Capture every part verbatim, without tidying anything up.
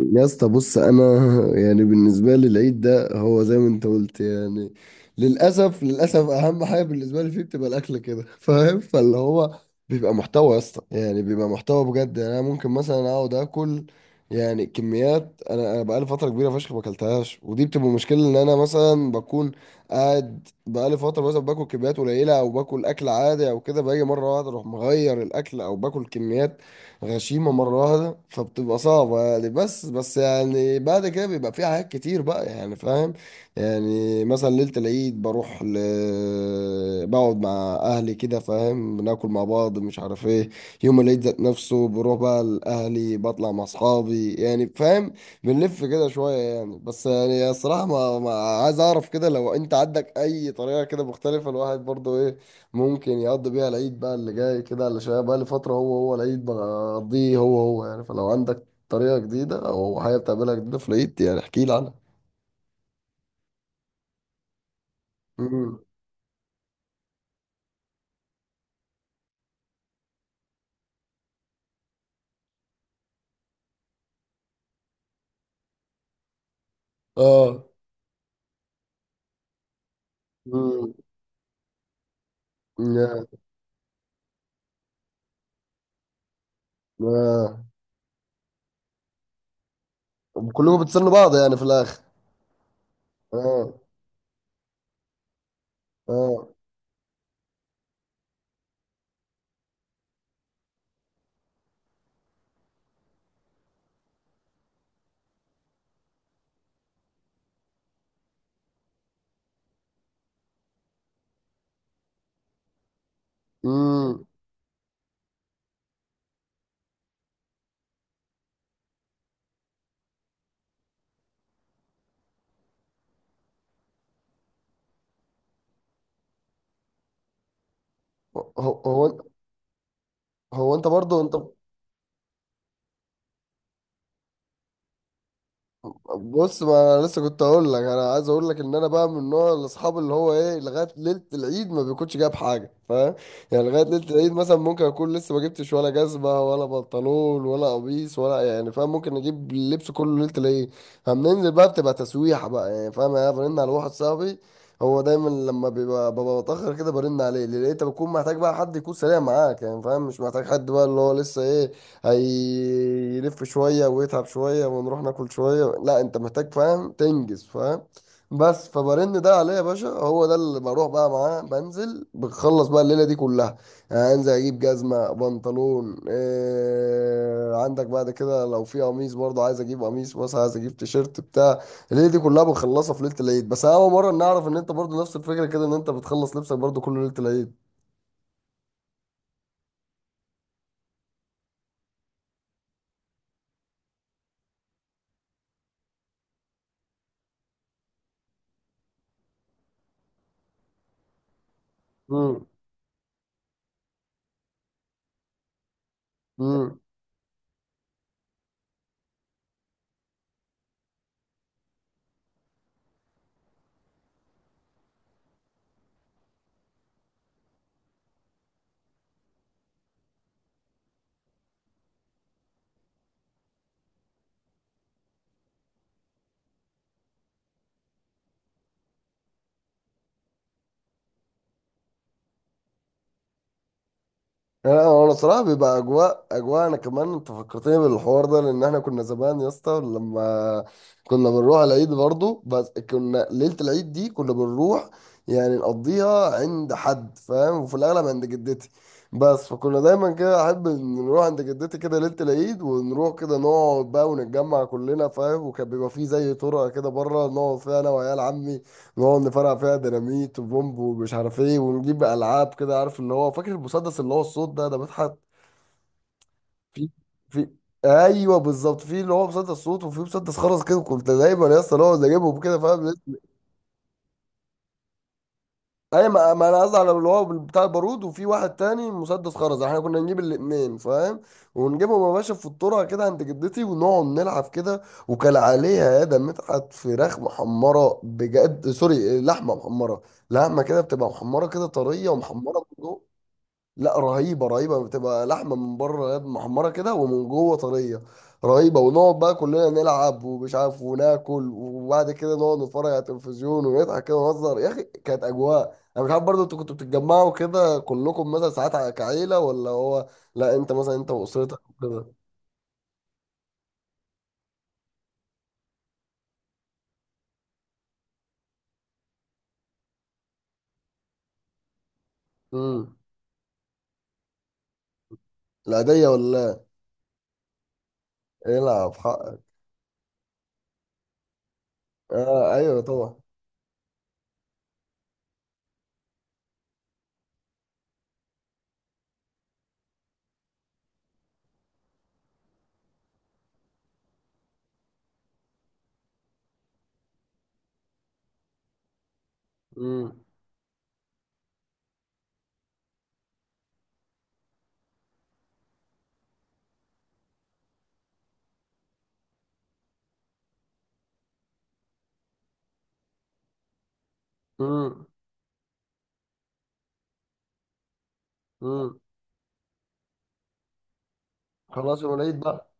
يا اسطى، بص، انا يعني بالنسبه لي العيد ده هو زي ما انت قلت، يعني للاسف للاسف اهم حاجه بالنسبه لي فيه بتبقى الاكل، كده فاهم. فاللي هو بيبقى محتوى يا اسطى، يعني بيبقى محتوى بجد. يعني انا ممكن مثلا اقعد اكل يعني كميات. انا انا بقالي فتره كبيره فشخ ما اكلتهاش، ودي بتبقى مشكله ان انا مثلا بكون قاعد بقالي فتره مثلا باكل كميات قليله او باكل اكل عادي، او كده باجي مره واحده اروح مغير الاكل او باكل كميات غشيمة مرة واحدة، فبتبقى صعبة يعني. بس بس يعني بعد كده بيبقى في حاجات كتير بقى، يعني فاهم. يعني مثلا ليلة العيد بروح ل... بقعد مع أهلي، كده فاهم، بناكل مع بعض، مش عارف ايه. يوم العيد ذات نفسه بروح بقى لأهلي، بطلع مع أصحابي يعني، فاهم. بنلف كده شوية يعني. بس يعني الصراحة ما... ما عايز أعرف كده، لو أنت عندك أي طريقة كده مختلفة، الواحد برضو إيه ممكن يقضي بيها العيد بقى اللي جاي، كده على شويه بقى لفتره، هو هو العيد بقضيه هو هو، يعني. فلو عندك طريقه جديده او حاجه بتعملها جديده في العيد، يعني احكي لي عنها. امم. اه. امم. يا. آه. كلكم بتستنوا بعض يعني في الاخر؟ اه. اه. امم. هو هو هو انت برضو انت؟ بص، ما انا لسه كنت اقول لك، انا عايز اقول لك ان انا بقى من نوع الاصحاب اللي هو ايه، لغايه ليله العيد ما بيكونش جايب حاجه، فاهم. يعني لغايه ليله العيد مثلا ممكن اكون لسه ما جبتش ولا جزمه ولا بنطلون ولا قميص ولا، يعني فاهم، ممكن اجيب اللبس كله ليله العيد. فبننزل بقى، بتبقى تسويحه بقى يعني، فاهم. يعني انا برن على واحد صاحبي، هو دايما لما بيبقى ببقى متاخر كده برن عليه، لان انت بتكون محتاج بقى حد يكون سريع معاك يعني فاهم، مش محتاج حد بقى اللي هو لسه ايه، هيلف شوية ويتعب شوية ونروح ناكل شوية، لا انت محتاج فاهم تنجز، فاهم. بس فبرن ده عليا يا باشا، هو ده اللي بروح بقى معاه، بنزل بخلص بقى الليلة دي كلها. يعني انزل اجيب جزمة بنطلون، إيه عندك بعد كده، لو في قميص برضه عايز اجيب قميص، مثلا عايز اجيب تيشيرت بتاع. الليلة دي كلها بنخلصها في ليلة العيد. بس انا اول مرة نعرف ان انت برضه نفس الفكرة كده، ان انت بتخلص لبسك برضه كل ليلة العيد. امم. انا أنا صراحه بيبقى اجواء، اجواء. انا كمان انت فكرتني بالحوار ده، لان احنا كنا زمان يا اسطى، لما كنا بنروح العيد برضو، بس كنا ليله العيد دي كنا بنروح يعني نقضيها عند حد فاهم، وفي الاغلب عند جدتي. بس فكنا دايما كده احب إن نروح عند جدتي كده ليله العيد، ونروح كده نقعد بقى ونتجمع كلنا، فاهم. وكان بيبقى فيه زي طرقه كده بره، نقعد فيها انا وعيال عمي، نقعد نفرقع فيها ديناميت وبومب ومش عارف ايه، ونجيب العاب كده، عارف اللي هو، فاكر المسدس اللي هو الصوت ده ده بيتحط في في ايوه بالظبط، في اللي هو مسدس صوت، وفي مسدس خرز كده، كنت دايما يا اسطى نقعد نجيبهم كده، فاهم. اي، ما, ما انا قصدي على اللي هو بتاع البارود، وفي واحد تاني مسدس خرز، احنا كنا نجيب الاتنين فاهم. ونجيبهم يا باشا في الطرقه كده عند جدتي، ونقعد نلعب كده. وكان عليها، يا ده، مدحت فراخ محمره بجد، سوري، لحمه محمره، لحمه كده بتبقى محمره كده طريه ومحمره. لا، رهيبه رهيبه. بتبقى لحمه من بره يا ابني محمره كده، ومن جوه طريه، رهيبه. ونقعد بقى كلنا نلعب ومش عارف، وناكل، وبعد كده نقعد نتفرج على التلفزيون ونضحك كده ونهزر يا اخي، كانت اجواء. انا مش عارف برضه، انتوا كنتوا بتتجمعوا كده كلكم مثلا ساعات ع- كعيله، ولا هو؟ لا انت مثلا، انت واسرتك كده؟ امم. العاديه، ولا؟ لا، العب حقك. اه، ايوه طبعا. امم. امم. امم. خلاص يا وليد بقى.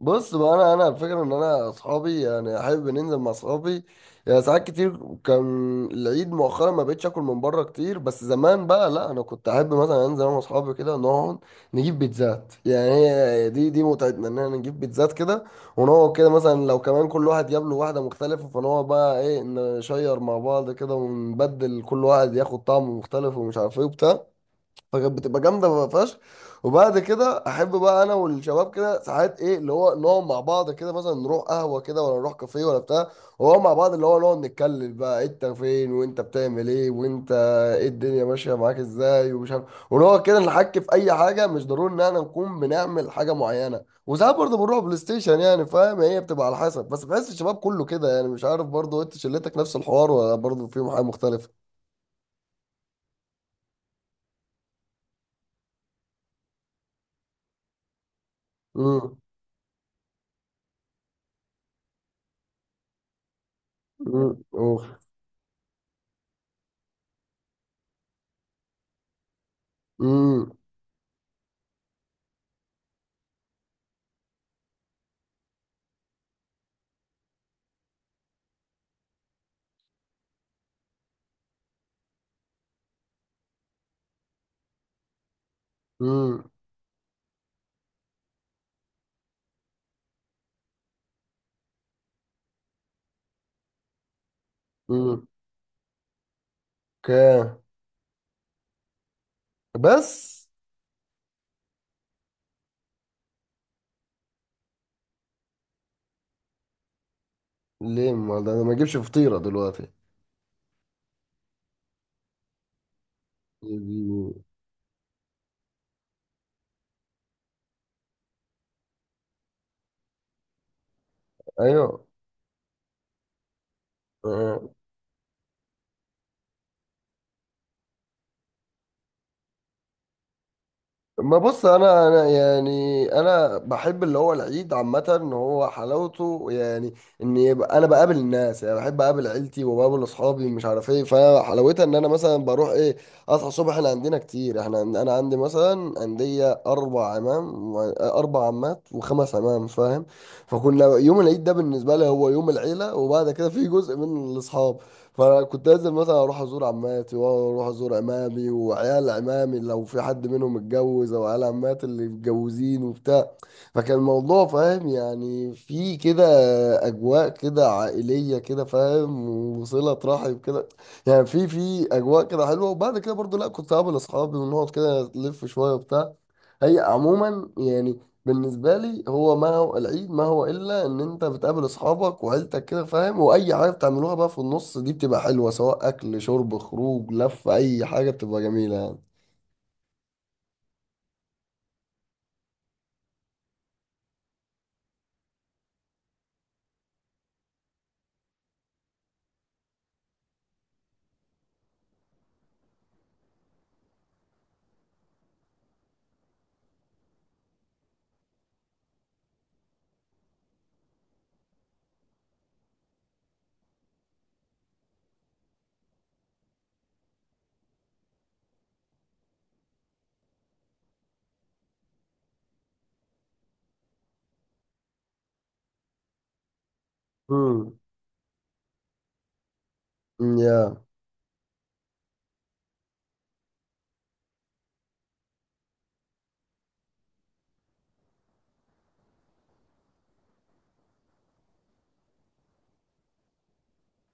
بص بقى، انا انا الفكره ان انا اصحابي، يعني احب ننزل مع اصحابي. يعني ساعات كتير كان العيد مؤخرا ما بقتش اكل من بره كتير، بس زمان بقى لا، انا كنت احب مثلا انزل انا واصحابي كده، نقعد نجيب بيتزات. يعني هي دي دي متعتنا ان احنا نجيب بيتزات كده، ونقعد كده، مثلا لو كمان كل واحد جاب له واحده مختلفه، فنقعد بقى ايه نشير مع بعض كده، ونبدل كل واحد ياخد طعم مختلف ومش عارف ايه وبتاع. فكانت بتبقى جامده فشخ. وبعد كده احب بقى انا والشباب كده ساعات ايه، اللي هو نقعد مع بعض كده، مثلا نروح قهوه كده، ولا نروح كافيه ولا بتاع، وهو مع بعض اللي هو نقعد نتكلم بقى، انت فين وانت بتعمل ايه وانت ايه، الدنيا ماشيه معاك ازاي، ومش عارف. ونقعد كده نحكي في اي حاجه، مش ضروري ان احنا نكون بنعمل حاجه معينه. وساعات برضه بنروح بلاي ستيشن يعني فاهم، هي بتبقى على حسب. بس بحس الشباب كله كده يعني، مش عارف برضه، انت شلتك نفس الحوار ولا برضه فيهم حاجه مختلفه؟ امم. امم. اوف. امم. إمم. اوكي. بس ليه؟ ما ده انا ما اجيبش فطيره دلوقتي. يجي- ايوه. ما بص، انا انا يعني انا بحب اللي هو العيد عامه ان هو حلاوته، يعني ان يبقى انا بقابل الناس، يعني بحب اقابل عيلتي وبقابل اصحابي، مش عارف ايه، فحلاوتها ان انا مثلا بروح ايه، اصحى الصبح، احنا عندنا كتير، احنا عند- انا عندي مثلا عندي اربع عمام و- اربع عمات وخمس عمام، فاهم. فكنا يوم العيد ده بالنسبه لي هو يوم العيله، وبعد كده في جزء من الاصحاب. فكنت لازم مثلا اروح ازور عماتي واروح ازور عمامي وعيال عمامي لو في حد منهم اتجوز، او عيال عماتي اللي متجوزين وبتاع. فكان الموضوع فاهم يعني في كده اجواء كده عائليه كده، فاهم، وصله رحم كده. يعني في في اجواء كده حلوه، وبعد كده برضو لا، كنت قابل اصحابي ونقعد كده نلف شويه وبتاع. هي عموما يعني، بالنسبه لي، هو ما هو العيد ما هو الا ان انت بتقابل اصحابك وعيلتك كده، فاهم، واي حاجه بتعملوها بقى في النص دي بتبقى حلوه، سواء اكل شرب خروج لف، اي حاجه بتبقى جميله يعني. امم. يا.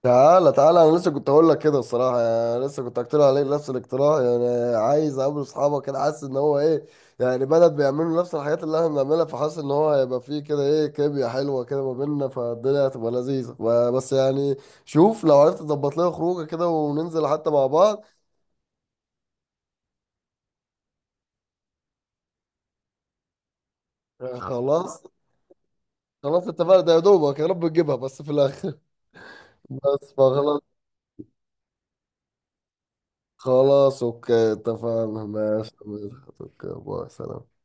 تعالى تعالى، انا لسه كنت هقول لك كده الصراحه، يعني لسه كنت هقترح عليك نفس الاقتراح، يعني عايز اقابل اصحابك كده، حاسس ان هو ايه، يعني بلد بيعملوا نفس الحاجات اللي احنا بنعملها، فحاسس ان هو هيبقى فيه كده ايه، كيميا حلوه كده ما بيننا، فالدنيا هتبقى لذيذه، ب- بس يعني شوف لو عرفت تظبط لنا خروجه كده، وننزل حتى مع بعض. خلاص. خلاص اتفقنا، ده يا دوبك يا رب تجيبها بس في الاخر. بس فخلاص. خلاص اوكي اتفقنا، ماشي ماشي، اوكي، باي، سلام.